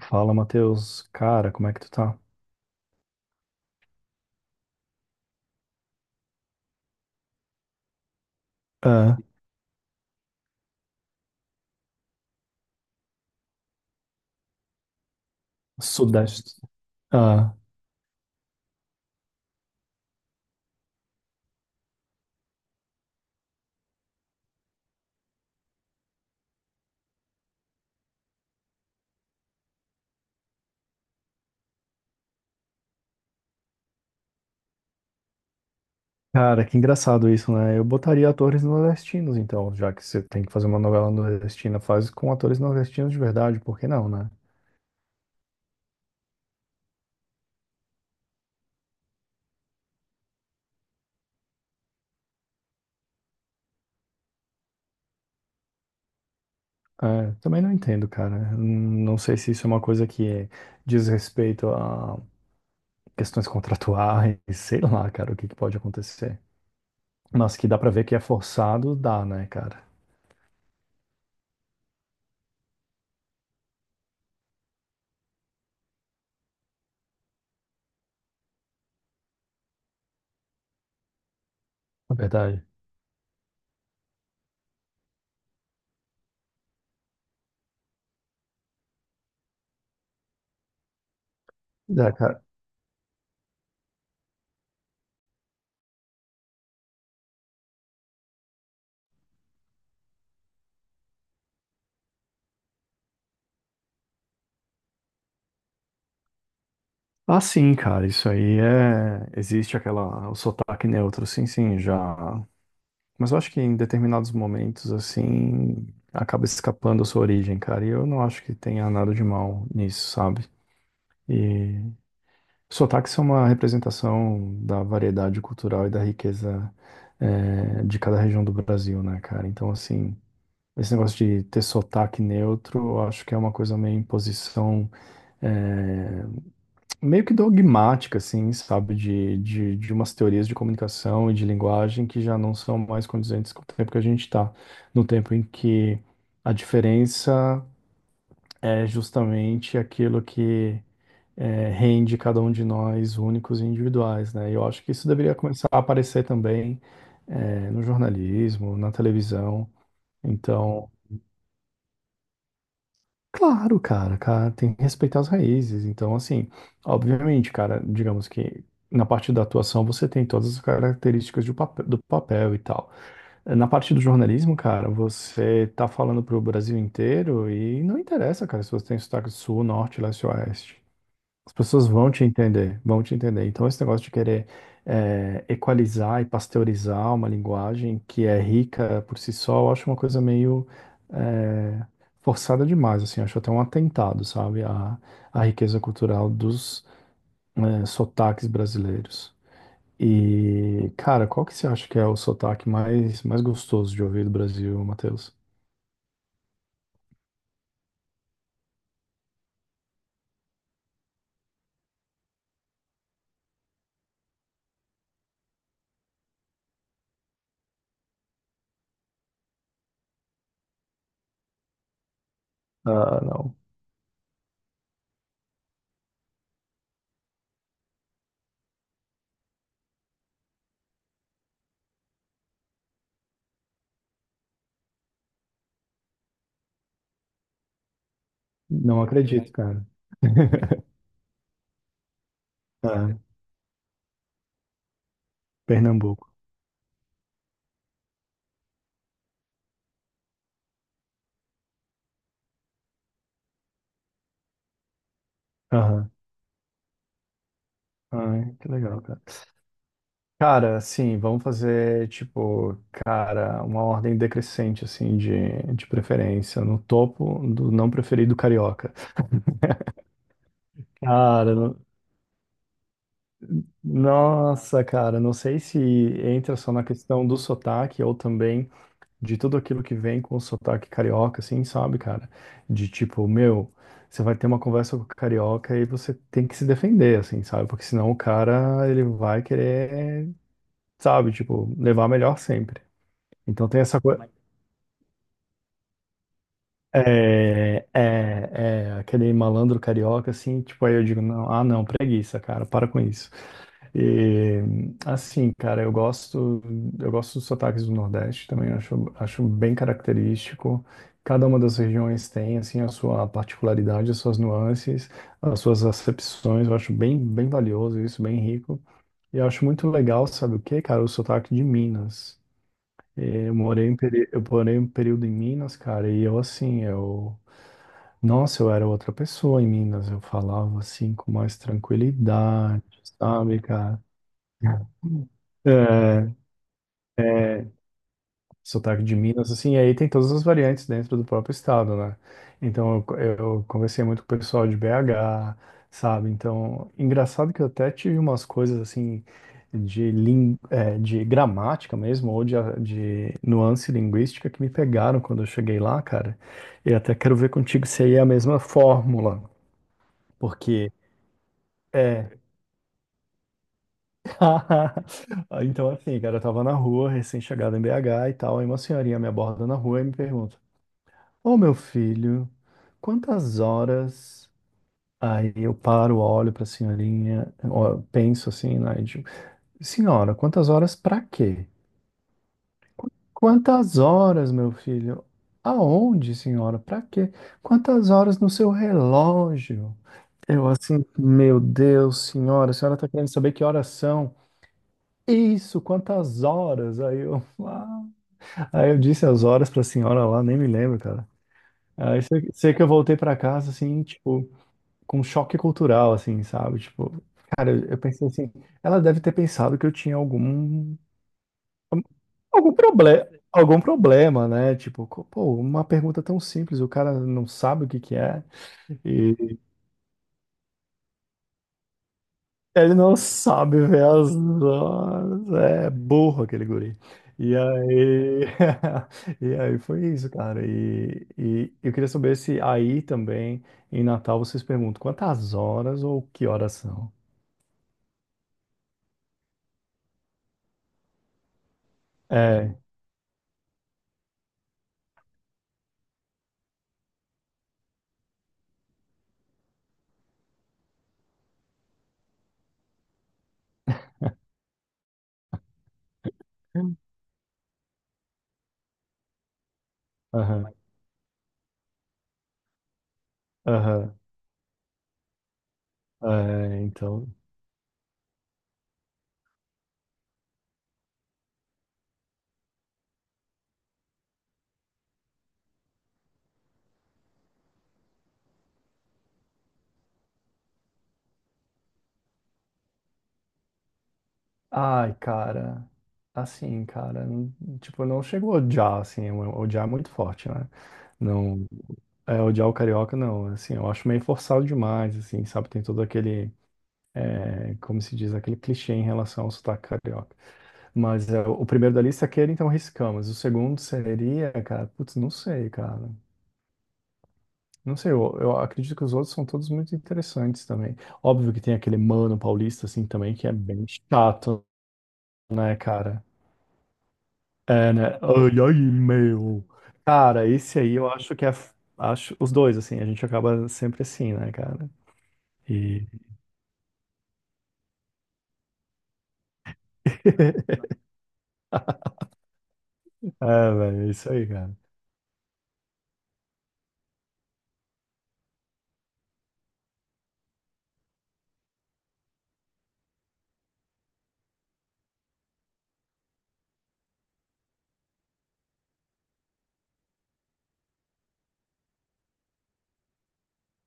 Fala, Matheus. Cara, como é que tu tá? Ah, Sudeste. Ah, cara, que engraçado isso, né? Eu botaria atores nordestinos, então, já que você tem que fazer uma novela nordestina, faz com atores nordestinos de verdade, por que não, né? É, também não entendo, cara. Não sei se isso é uma coisa que diz respeito a questões contratuais, sei lá, cara, o que que pode acontecer. Mas que dá pra ver que é forçado, dá, né, cara? Na verdade. Dá, cara. Ah, sim, cara, isso aí é. Existe aquela. O sotaque neutro, sim, sim, já. Mas eu acho que em determinados momentos, assim, acaba escapando a sua origem, cara. E eu não acho que tenha nada de mal nisso, sabe? E sotaques são uma representação da variedade cultural e da riqueza, é, de cada região do Brasil, né, cara? Então, assim. Esse negócio de ter sotaque neutro, eu acho que é uma coisa meio imposição, eh, meio que dogmática, assim, sabe, de umas teorias de comunicação e de linguagem que já não são mais condizentes com o tempo que a gente está, no tempo em que a diferença é justamente aquilo que é, rende cada um de nós únicos e individuais, né? E eu acho que isso deveria começar a aparecer também é, no jornalismo, na televisão. Então, claro, cara, tem que respeitar as raízes. Então, assim, obviamente, cara, digamos que na parte da atuação você tem todas as características do papel e tal. Na parte do jornalismo, cara, você tá falando pro Brasil inteiro e não interessa, cara, se você tem sotaque do sul, norte, leste, oeste. As pessoas vão te entender, vão te entender. Então, esse negócio de querer equalizar e pasteurizar uma linguagem que é rica por si só, eu acho uma coisa meio eh, forçada demais, assim. Acho até um atentado, sabe, à, à riqueza cultural dos sotaques brasileiros. E, cara, qual que você acha que é o sotaque mais gostoso de ouvir do Brasil, Matheus? Ah, não. Não acredito, cara. Ah, Pernambuco. Aham. Ai, que legal, cara. Cara, assim, vamos fazer, tipo, cara, uma ordem decrescente, assim, de preferência. No topo do não preferido, carioca. Cara, no- Nossa, cara, não sei se entra só na questão do sotaque ou também de tudo aquilo que vem com o sotaque carioca, assim, sabe, cara? De tipo, meu, você vai ter uma conversa com o carioca e você tem que se defender, assim, sabe? Porque senão o cara, ele vai querer, sabe, tipo, levar a melhor sempre. Então tem essa coisa. É, é aquele malandro carioca, assim, tipo, aí eu digo, não, ah, não, preguiça, cara, para com isso. E, assim, cara, eu gosto dos sotaques do Nordeste também, acho bem característico. Cada uma das regiões tem, assim, a sua particularidade, as suas nuances, as suas acepções, eu acho bem, bem valioso isso, bem rico. E eu acho muito legal, sabe o quê, cara? O sotaque de Minas. É, eu morei em, eu morei um período em Minas, cara, e eu, assim, eu... Nossa, eu era outra pessoa em Minas, eu falava assim com mais tranquilidade, sabe, cara? É, sotaque de Minas, assim, e aí tem todas as variantes dentro do próprio estado, né? Eu conversei muito com o pessoal de BH, sabe? Então, engraçado que eu até tive umas coisas assim de, de gramática mesmo, ou de, de nuance linguística que me pegaram quando eu cheguei lá, cara. E até quero ver contigo se aí é a mesma fórmula. É. Ah, então, assim, cara, eu tava na rua, recém-chegado em BH e tal, aí uma senhorinha me aborda na rua e me pergunta: Ô meu filho, quantas horas? Aí eu paro, olho pra senhorinha, ó, penso assim, né? E digo, senhora, quantas horas pra quê? Quantas horas, meu filho? Aonde, senhora? Pra quê? Quantas horas no seu relógio? Eu assim, meu Deus, senhora, a senhora tá querendo saber que horas são? Isso, quantas horas? Aí eu, aí eu disse as horas pra senhora lá, nem me lembro, cara. Sei que eu voltei pra casa, assim, tipo, com um choque cultural, assim, sabe? Tipo, cara, eu pensei assim, ela deve ter pensado que eu tinha algum, algum problema, algum problema, né? Tipo, pô, uma pergunta tão simples, o cara não sabe o que que é. Ele não sabe ver as horas. É burro aquele guri. E aí, e aí foi isso, cara. E eu queria saber se aí também, em Natal, vocês perguntam quantas horas ou que horas são? É. Aham, aham. É, então. Ai, cara, assim, cara, tipo, não chegou a odiar, assim, odiar é muito forte, né? Não, é, odiar o carioca, não, assim, eu acho meio forçado demais, assim, sabe? Tem todo aquele, é, como se diz, aquele clichê em relação ao sotaque carioca. Mas é, o primeiro da lista é aquele, então, riscamos. O segundo seria, cara, putz, não sei, cara. Não sei, eu acredito que os outros são todos muito interessantes também. Óbvio que tem aquele mano paulista, assim, também, que é bem chato, né, cara? É, né? Ai, ai, meu. Cara, esse aí eu acho que é. Acho os dois, assim, a gente acaba sempre assim, né, cara? E. É, velho, é isso aí, cara.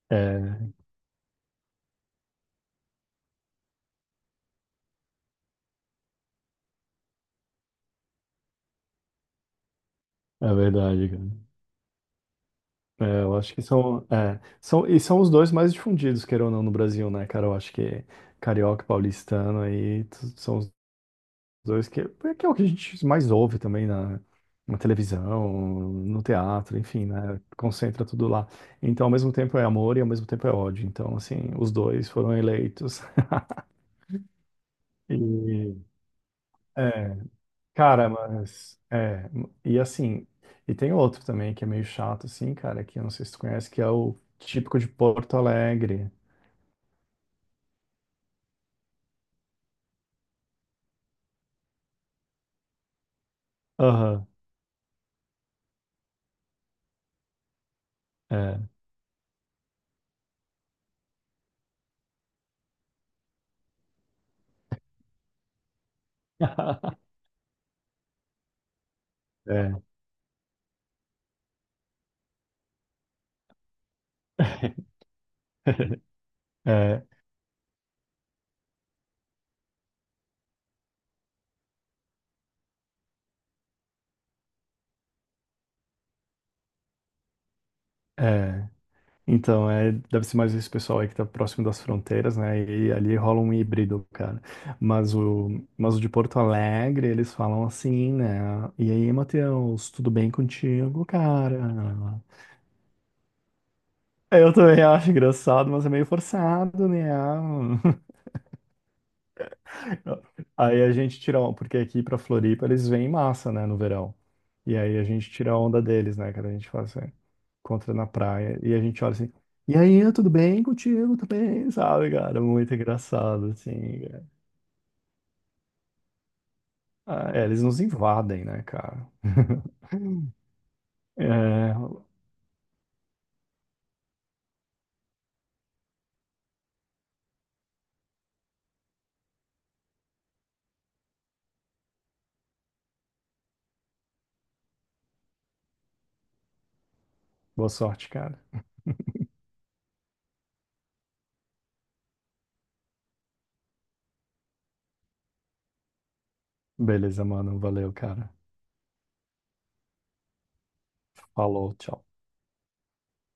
É, é verdade, cara. É, eu acho que são, é, são. E são os dois mais difundidos, queira ou não, no Brasil, né, cara? Eu acho que carioca e paulistano aí são os dois, que é o que a gente mais ouve também na, na televisão, no teatro, enfim, né? Concentra tudo lá. Então, ao mesmo tempo é amor e ao mesmo tempo é ódio. Então, assim, os dois foram eleitos. E, é, cara, mas, é, e assim, e tem outro também que é meio chato, assim, cara, que eu não sei se tu conhece, que é o típico de Porto Alegre. Aham, é. É. É, é, então, é, deve ser mais esse pessoal aí que tá próximo das fronteiras, né? E ali rola um híbrido, cara. Mas o de Porto Alegre, eles falam assim, né? E aí, Matheus, tudo bem contigo, cara? Eu também acho engraçado, mas é meio forçado, né? Aí a gente tira, porque aqui pra Floripa eles vêm em massa, né, no verão. E aí a gente tira a onda deles, né, cara? A gente faz assim. Encontra na praia e a gente olha assim, e aí, tudo bem contigo? Tudo bem, sabe, cara? Muito engraçado, assim, cara. Ah, é, eles nos invadem, né, cara? É, boa sorte, cara. Beleza, mano. Valeu, cara. Falou, tchau.